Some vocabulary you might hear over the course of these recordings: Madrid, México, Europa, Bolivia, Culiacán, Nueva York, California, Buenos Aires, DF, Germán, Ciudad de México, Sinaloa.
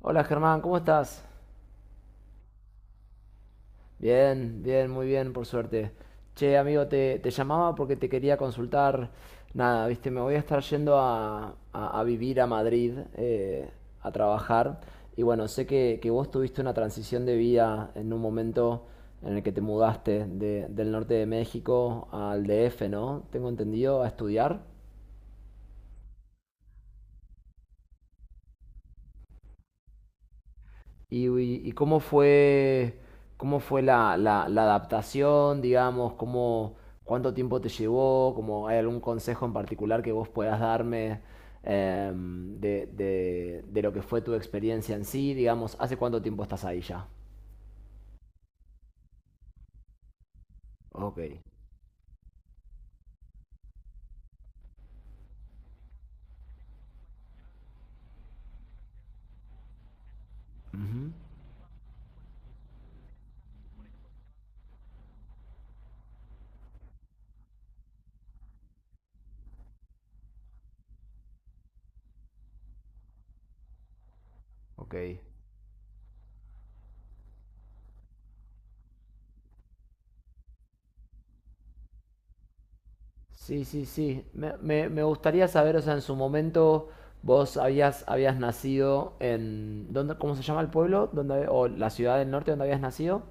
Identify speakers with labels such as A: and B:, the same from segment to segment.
A: Hola Germán, ¿cómo estás? Bien, bien, muy bien, por suerte. Che, amigo, te llamaba porque te quería consultar. Nada, viste, me voy a estar yendo a vivir a Madrid, a trabajar. Y bueno, sé que vos tuviste una transición de vida en un momento en el que te mudaste del norte de México al DF, ¿no? Tengo entendido, a estudiar. ¿Y cómo fue la adaptación, digamos? ¿Cuánto tiempo te llevó? ¿Hay algún consejo en particular que vos puedas darme de lo que fue tu experiencia en sí? Digamos, ¿hace cuánto tiempo estás ahí ya? Ok. Ujú. Ok. Sí, sí, sí. Me gustaría saber, o sea, en su momento vos habías nacido en... ¿dónde, cómo se llama el pueblo? ¿Dónde, o la ciudad del norte donde habías nacido?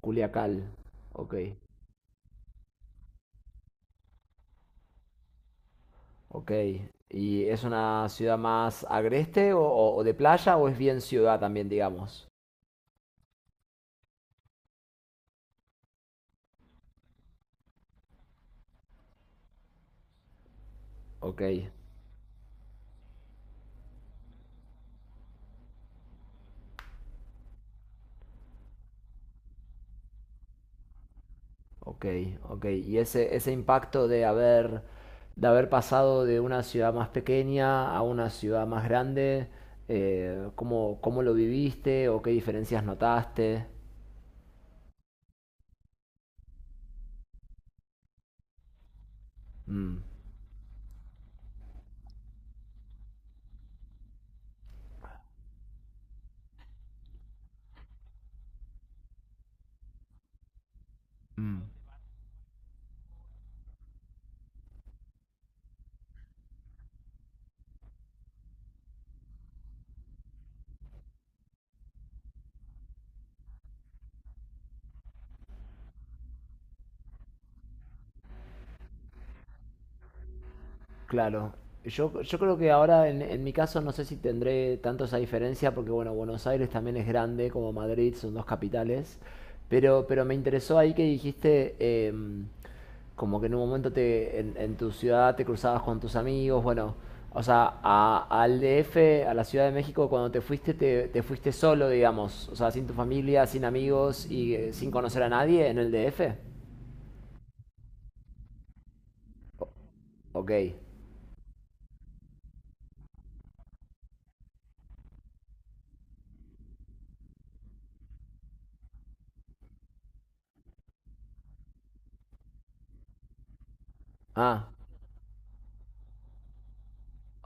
A: Culiacán, ok, ok. ¿Y es una ciudad más agreste o de playa o es bien ciudad también, digamos? Ok, ok, ok. ¿Y ese impacto de haber pasado de una ciudad más pequeña a una ciudad más grande, ¿cómo lo viviste o qué diferencias notaste? Mm, mm. Claro, yo creo que ahora en mi caso no sé si tendré tanto esa diferencia porque bueno, Buenos Aires también es grande como Madrid, son dos capitales, pero me interesó ahí que dijiste em, como que en un momento en tu ciudad te cruzabas con tus amigos, bueno, o sea, al DF, a la Ciudad de México, cuando te fuiste, te fuiste solo, digamos, o sea, sin tu familia, sin amigos y sin conocer a nadie en el DF. Ok. Ah,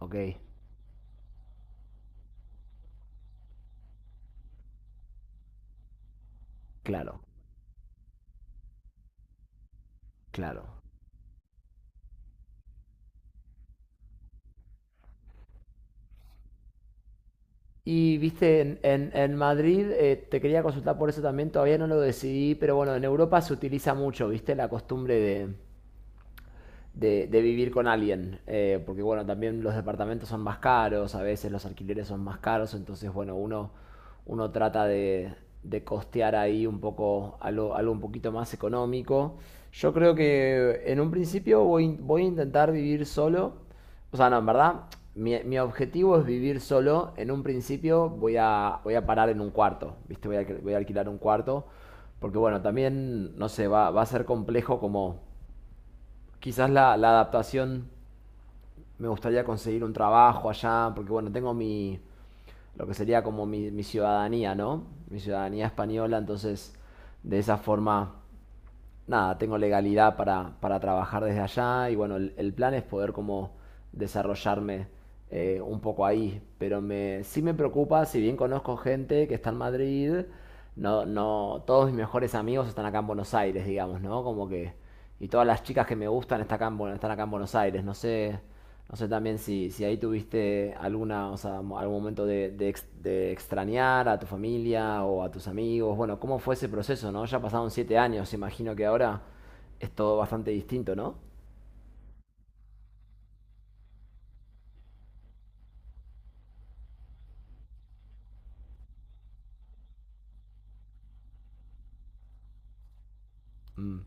A: ok. Claro, claro. Y viste, en Madrid, te quería consultar por eso también, todavía no lo decidí, pero bueno, en Europa se utiliza mucho, viste, la costumbre de vivir con alguien, porque bueno, también los departamentos son más caros, a veces los alquileres son más caros, entonces bueno, uno trata de costear ahí un poco algo un poquito más económico. Yo creo que en un principio voy a intentar vivir solo, o sea, no, en verdad, mi objetivo es vivir solo, en un principio voy a parar en un cuarto, ¿viste? Voy a alquilar un cuarto, porque bueno, también, no sé, va a ser complejo como. Quizás la adaptación me gustaría conseguir un trabajo allá, porque bueno, tengo lo que sería como mi ciudadanía, ¿no? Mi ciudadanía española, entonces de esa forma nada, tengo legalidad para trabajar desde allá y bueno, el plan es poder como desarrollarme un poco ahí, pero sí me preocupa, si bien conozco gente que está en Madrid, no, no, todos mis mejores amigos están acá en Buenos Aires, digamos, ¿no? Como que, y todas las chicas que me gustan están acá en Buenos Aires, no sé también si ahí tuviste alguna, o sea, algún momento de extrañar a tu familia o a tus amigos. Bueno, ¿cómo fue ese proceso, no? Ya pasaron 7 años, imagino que ahora es todo bastante distinto, ¿no? Mm,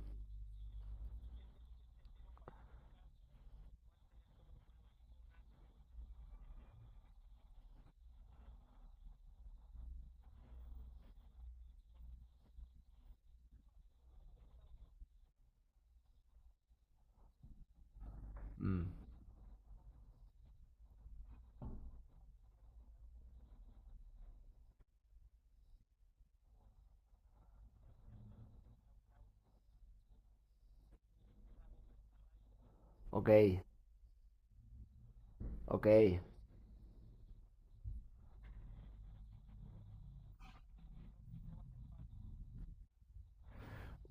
A: mm. Ok, ok.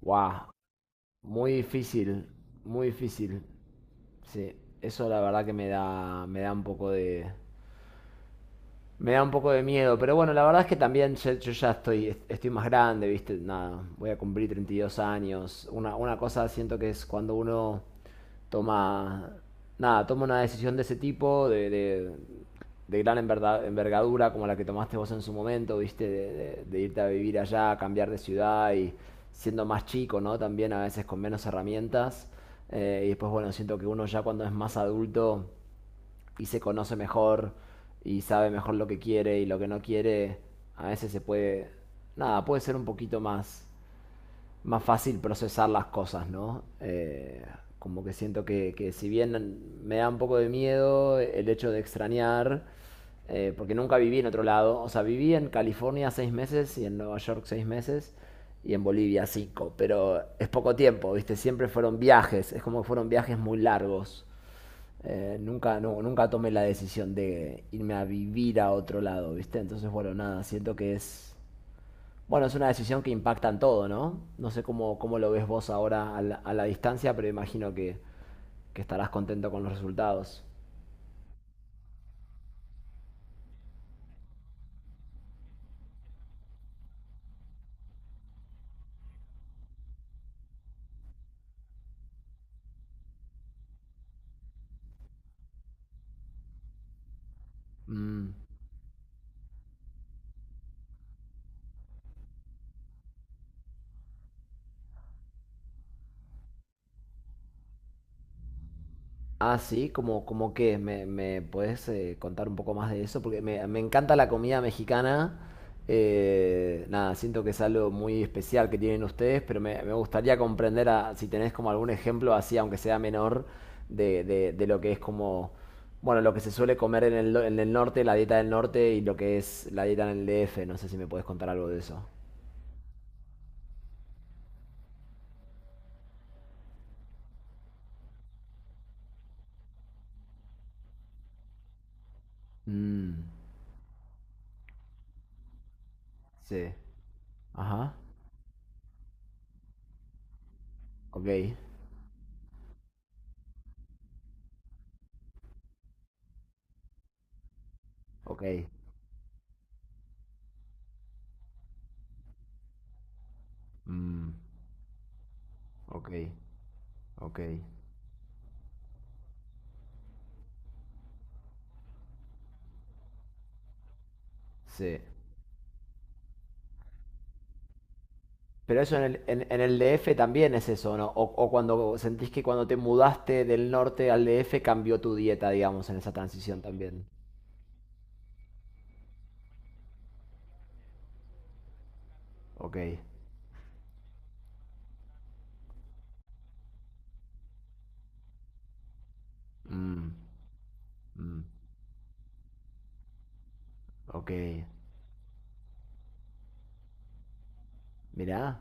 A: Wow. Muy difícil, muy difícil. Sí, eso la verdad que me da un poco de miedo, pero bueno, la verdad es que también yo ya estoy más grande, ¿viste? Nada, voy a cumplir 32 años. Una cosa siento que es cuando uno toma, nada, toma una decisión de ese tipo, de gran envergadura como la que tomaste vos en su momento, ¿viste? De irte a vivir allá, cambiar de ciudad y siendo más chico, ¿no? También a veces con menos herramientas. Y después, bueno, siento que uno ya cuando es más adulto y se conoce mejor y sabe mejor lo que quiere y lo que no quiere, a veces nada, puede ser un poquito más, fácil procesar las cosas, ¿no? Como que siento que si bien me da un poco de miedo el hecho de extrañar, porque nunca viví en otro lado, o sea, viví en California 6 meses y en Nueva York 6 meses y en Bolivia 5, pero es poco tiempo, ¿viste? Siempre fueron viajes, es como que fueron viajes muy largos. Nunca, No, nunca tomé la decisión de irme a vivir a otro lado, ¿viste? Entonces, bueno, nada, siento que bueno, es una decisión que impacta en todo, ¿no? No sé cómo lo ves vos ahora a la distancia, pero imagino que estarás contento con los resultados. Mm. Ah, sí, como que me puedes contar un poco más de eso, porque me encanta la comida mexicana. Nada, siento que es algo muy especial que tienen ustedes, pero me gustaría comprender si tenés como algún ejemplo así, aunque sea menor, de lo que es como, bueno, lo que se suele comer en el norte, la dieta del norte y lo que es la dieta en el DF. No sé si me puedes contar algo de eso. Mm, sí. Ajá. Ok. Ok. Mm, ok. Ok. Sí. Pero eso en el DF también es eso, ¿no? O cuando sentís que cuando te mudaste del norte al DF cambió tu dieta, digamos, en esa transición también. Ok. Mm, mm, ok. Mirá.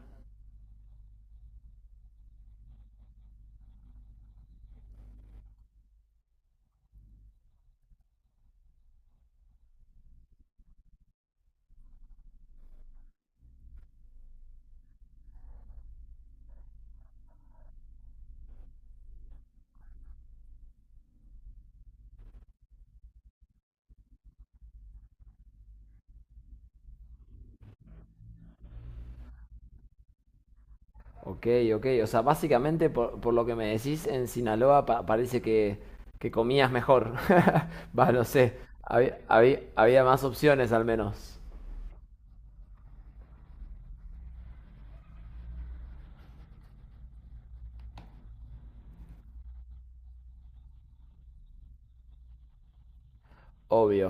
A: Ok, ok. O sea, básicamente por lo que me decís, en Sinaloa parece que comías mejor. Va, no sé. Había más opciones al menos. Obvio.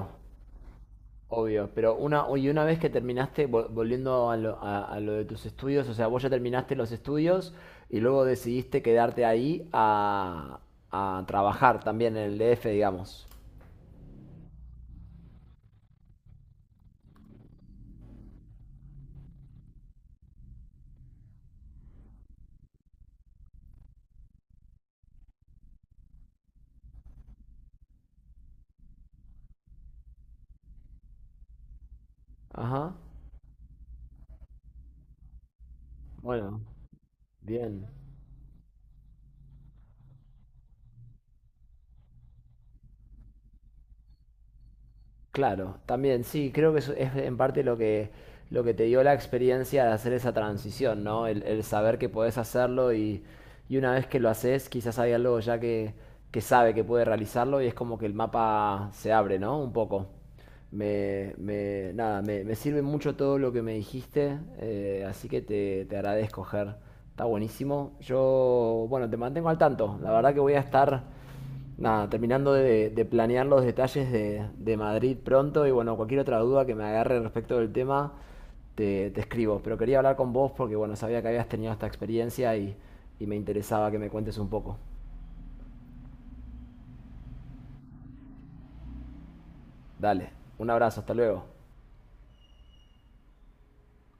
A: Obvio, pero y una vez que terminaste, volviendo a lo de tus estudios, o sea, vos ya terminaste los estudios y luego decidiste quedarte ahí a trabajar también en el DF, digamos. Ajá, bueno, bien. Claro, también sí, creo que eso es en parte lo que te dio la experiencia de hacer esa transición, ¿no? El saber que podés hacerlo y una vez que lo haces, quizás hay algo ya que sabe que puede realizarlo y es como que el mapa se abre, ¿no? Un poco. Nada, me sirve mucho todo lo que me dijiste, así que te agradezco, Ger. Está buenísimo. Yo, bueno, te mantengo al tanto. La verdad que voy a estar. Nada, terminando de planear los detalles de Madrid pronto y bueno, cualquier otra duda que me agarre respecto del tema, te escribo. Pero quería hablar con vos porque bueno, sabía que habías tenido esta experiencia y me interesaba que me cuentes un poco. Dale, un abrazo, hasta luego.